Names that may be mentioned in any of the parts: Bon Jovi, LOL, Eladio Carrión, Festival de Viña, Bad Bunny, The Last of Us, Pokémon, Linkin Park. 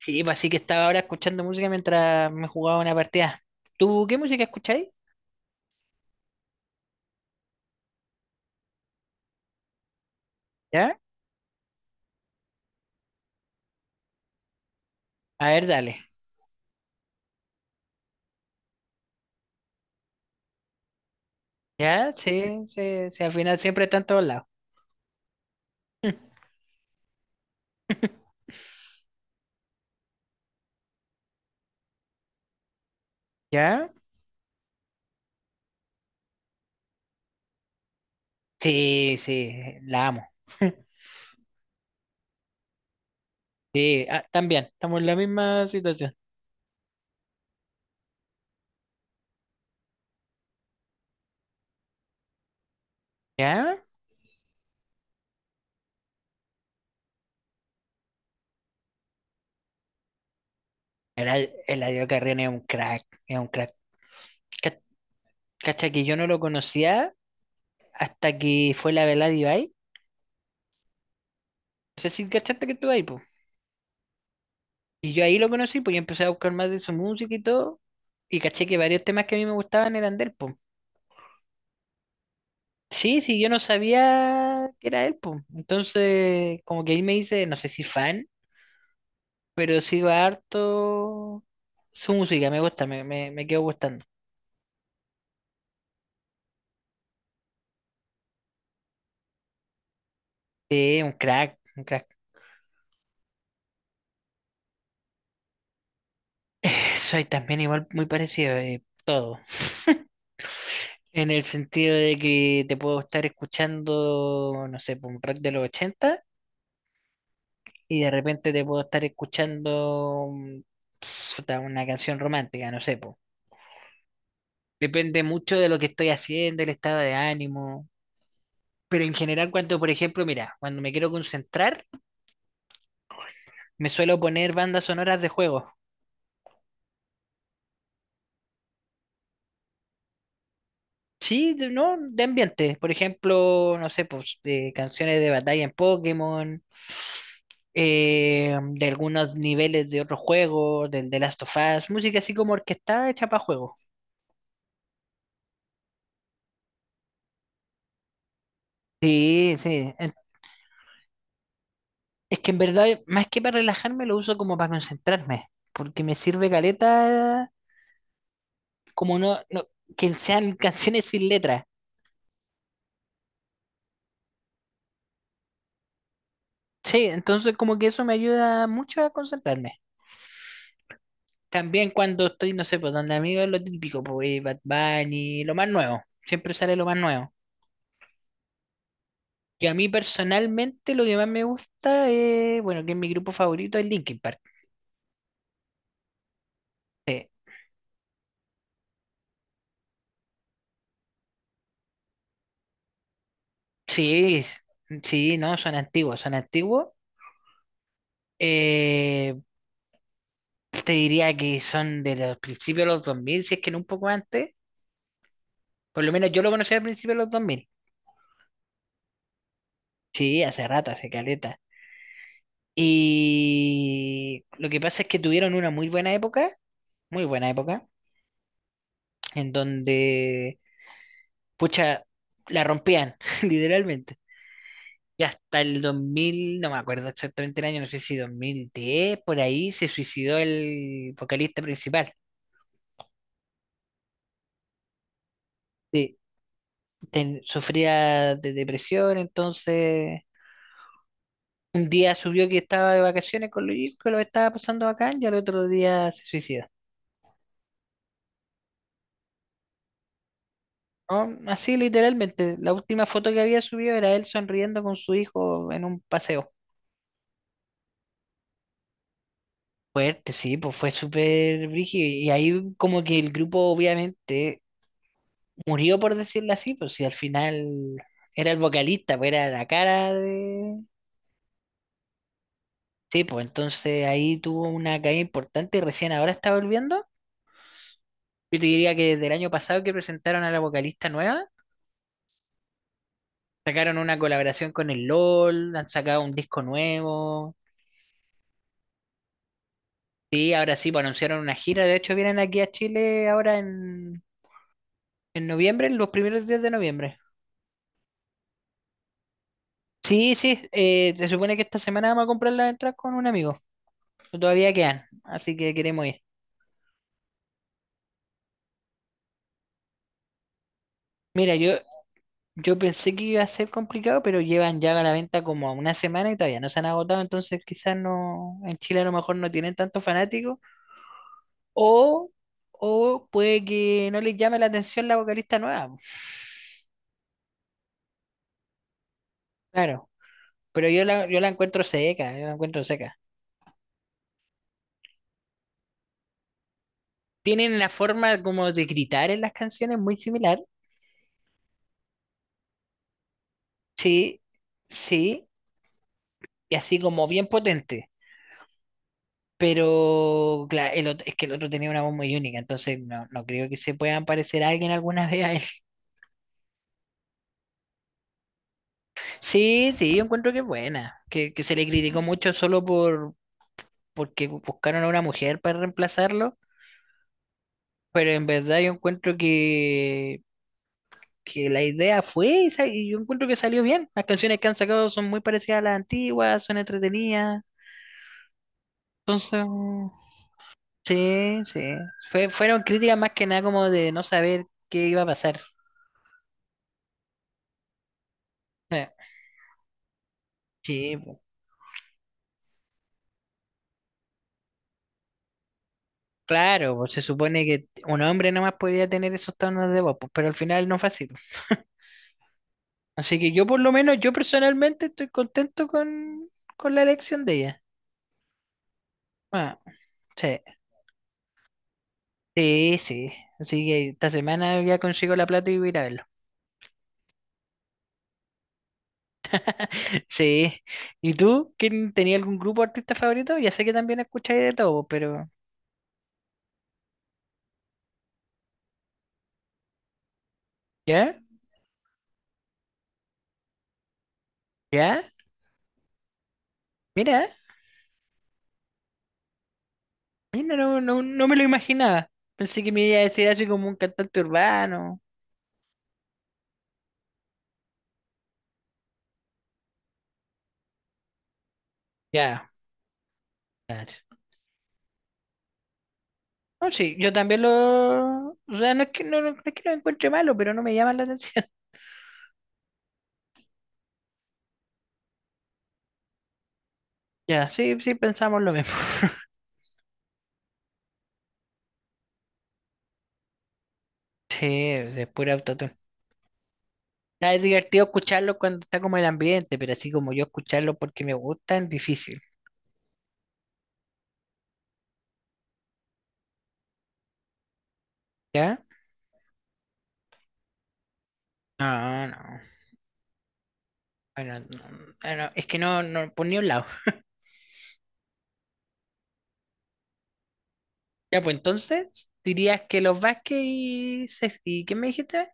Sí, pues así que estaba ahora escuchando música mientras me jugaba una partida. ¿Tú qué música escucháis? ¿Ya? A ver, dale. ¿Ya? Sí, sí, sí, al final siempre está en todos lados. ¿Ya? Sí, sí, la amo. Sí, ah, también, estamos en la misma situación. ¿Ya? El, Eladio Eladio Carrión es un crack, es un crack. Ca- Cacha que yo no lo conocía hasta que fue la velada de Eladio. No sé si cachaste que estuvo ahí, pues. Y yo ahí lo conocí, pues yo empecé a buscar más de su música y todo. Y caché que varios temas que a mí me gustaban eran de él. Sí, sí, yo no sabía que era él, po. Entonces, como que ahí me hice, no sé si fan, pero sigo harto su música, me gusta, me quedo gustando. Sí, un crack, un crack. Soy también igual muy parecido, todo. En el sentido de que te puedo estar escuchando, no sé, po, un rock de los 80 y de repente te puedo estar escuchando puta, una canción romántica, no sé, po. Depende mucho de lo que estoy haciendo, el estado de ánimo. Pero en general, cuando, por ejemplo, mira, cuando me quiero concentrar, me suelo poner bandas sonoras de juegos. Sí, no, de ambiente. Por ejemplo, no sé, pues de canciones de batalla en Pokémon, de algunos niveles de otros juegos, del The Last of Us, música así como orquestada hecha para juegos. Sí, sí. Es que en verdad, más que para relajarme, lo uso como para concentrarme, porque me sirve caleta como no que sean canciones sin letra. Sí, entonces como que eso me ayuda mucho a concentrarme. También cuando estoy, no sé, pues donde amigos lo típico, pues Bad Bunny, lo más nuevo. Siempre sale lo más nuevo. Y a mí personalmente lo que más me gusta es, bueno, que es mi grupo favorito es Linkin Park. Sí, sí, no, son antiguos, son antiguos. Eh, te diría que son de los principios de los 2000 si es que no un poco antes. Por lo menos yo lo conocí al principio de los dos mil. Sí, hace rato, hace caleta. Y lo que pasa es que tuvieron una muy buena época, en donde, pucha, la rompían, literalmente. Y hasta el 2000 no me acuerdo exactamente el año, no sé si 2010, por ahí se suicidó el vocalista principal. Sí, sufría de depresión, entonces un día subió que estaba de vacaciones con los hijos, que lo estaba pasando bacán, y al otro día se suicidó. No, así literalmente. La última foto que había subido era él sonriendo con su hijo en un paseo. Fuerte, sí, pues fue súper brígido. Y ahí como que el grupo obviamente murió, por decirlo así, pues si al final era el vocalista, pues era la cara de... Sí, pues entonces ahí tuvo una caída importante y recién ahora está volviendo. Yo te diría que desde el año pasado que presentaron a la vocalista nueva, sacaron una colaboración con el LOL, han sacado un disco nuevo. Sí, ahora sí, pues anunciaron una gira. De hecho, vienen aquí a Chile ahora en noviembre, en los primeros días de noviembre. Sí, sí, se supone que esta semana vamos a comprar las entradas con un amigo. Todavía quedan, así que queremos ir. Mira, yo pensé que iba a ser complicado, pero llevan ya a la venta como una semana y todavía no se han agotado, entonces quizás no, en Chile a lo mejor no tienen tantos fanáticos, o, o puede que no les llame la atención la vocalista nueva. Claro, pero yo la encuentro seca, yo la encuentro seca. Tienen la forma como de gritar en las canciones muy similar. Sí, sí, y así como bien potente. Pero claro, es que el otro tenía una voz muy única, entonces no creo que se puedan parecer a alguien alguna vez a él. Sí, sí, yo encuentro que es buena, que se le criticó mucho solo porque buscaron a una mujer para reemplazarlo, pero en verdad yo encuentro que la idea fue esa y yo encuentro que salió bien. Las canciones que han sacado son muy parecidas a las antiguas, son entretenidas. Entonces, mm, sí, sí. Fueron críticas más que nada como de no saber qué iba a pasar. Eh, Sí, po. Claro, pues se supone que un hombre nomás podría tener esos tonos de voz, pues, pero al final no fue así, pues. Así que yo por lo menos, yo personalmente estoy contento con la elección de ella. Ah, sí, sí, sí. Así que esta semana ya consigo la plata y voy a ir a verlo. Sí. ¿Y tú? ¿Quién tenía algún grupo de artista favorito? Ya sé que también escucháis de todo, pero... ¿Ya? ¿Ya? Mira. Mira, no, no, no me lo imaginaba. Pensé que me iba a decir así como un cantante urbano. Ya. Claro. No, sí, yo también lo... O sea, no es que no es que lo encuentre malo, pero no me llama la atención. Ya, sí, sí, pensamos lo mismo. Sí, o sea, es pura autotune. Ah, es divertido escucharlo cuando está como el ambiente, pero así como yo escucharlo porque me gusta es difícil. ¿Ya? No, no. Bueno, no, ah, no, es que no, no, por ni un lado. Ya, pues entonces, dirías que los Vázquez y... ¿Y qué me dijiste?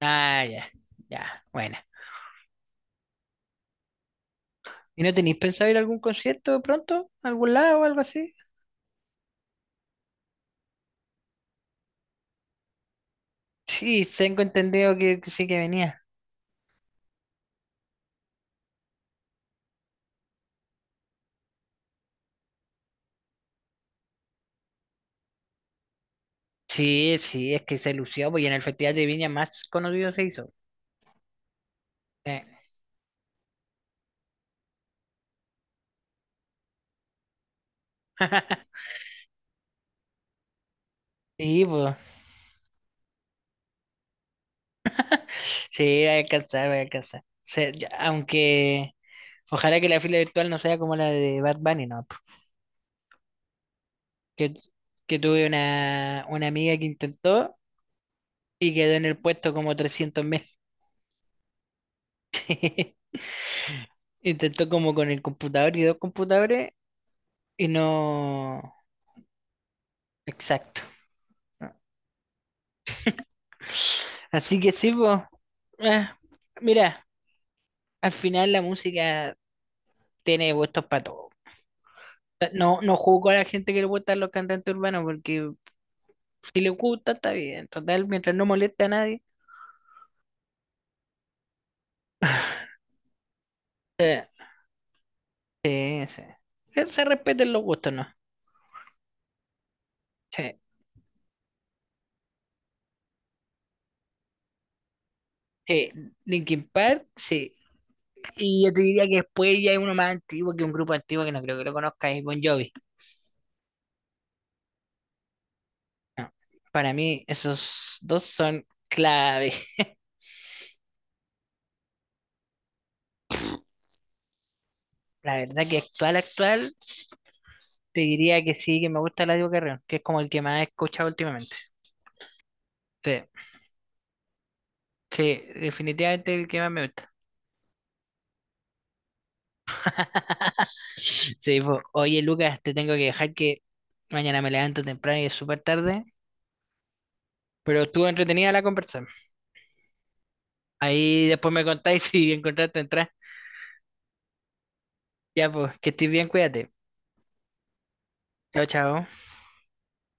Ah, ya, ya, bueno. ¿Y no tenéis pensado ir a algún concierto pronto? ¿A ¿Algún lado o algo así? Sí, tengo entendido que sí que venía. Sí, sí, es que se lució, pues, y en el Festival de Viña más conocido se hizo. Eh. Sí, pues, sí, va a alcanzar, va a alcanzar. Aunque, ojalá que la fila virtual no sea como la de Bad Bunny, ¿no? pues, Que, que tuve una amiga que intentó y quedó en el puesto como 300.000. Intentó como con el computador y dos computadores. Y no. Exacto. Así que sí, pues. eh, mira, al final la música tiene gustos para todo. No, no juzgo a la gente que le gustan los cantantes urbanos, porque si le gusta, está bien. Total, mientras no moleste a nadie. eh, sí, sí. Que se respeten los gustos, ¿no? Sí. Eh, Linkin Park, sí. Y yo te diría que después ya hay uno más antiguo que un grupo antiguo que no creo que lo conozca, es Bon Jovi. Para mí, esos dos son clave. La verdad que actual, actual, te diría que sí, que me gusta Eladio Carrión, que es como el que más he escuchado últimamente. Sí, sí, definitivamente el que más me gusta. Sí, po. Oye, Lucas, te tengo que dejar que mañana me levanto temprano y es súper tarde, pero estuvo entretenida la conversación. Ahí después me contáis si encontraste entrar. Ya, pues, que estés bien, cuídate. Chao, chao.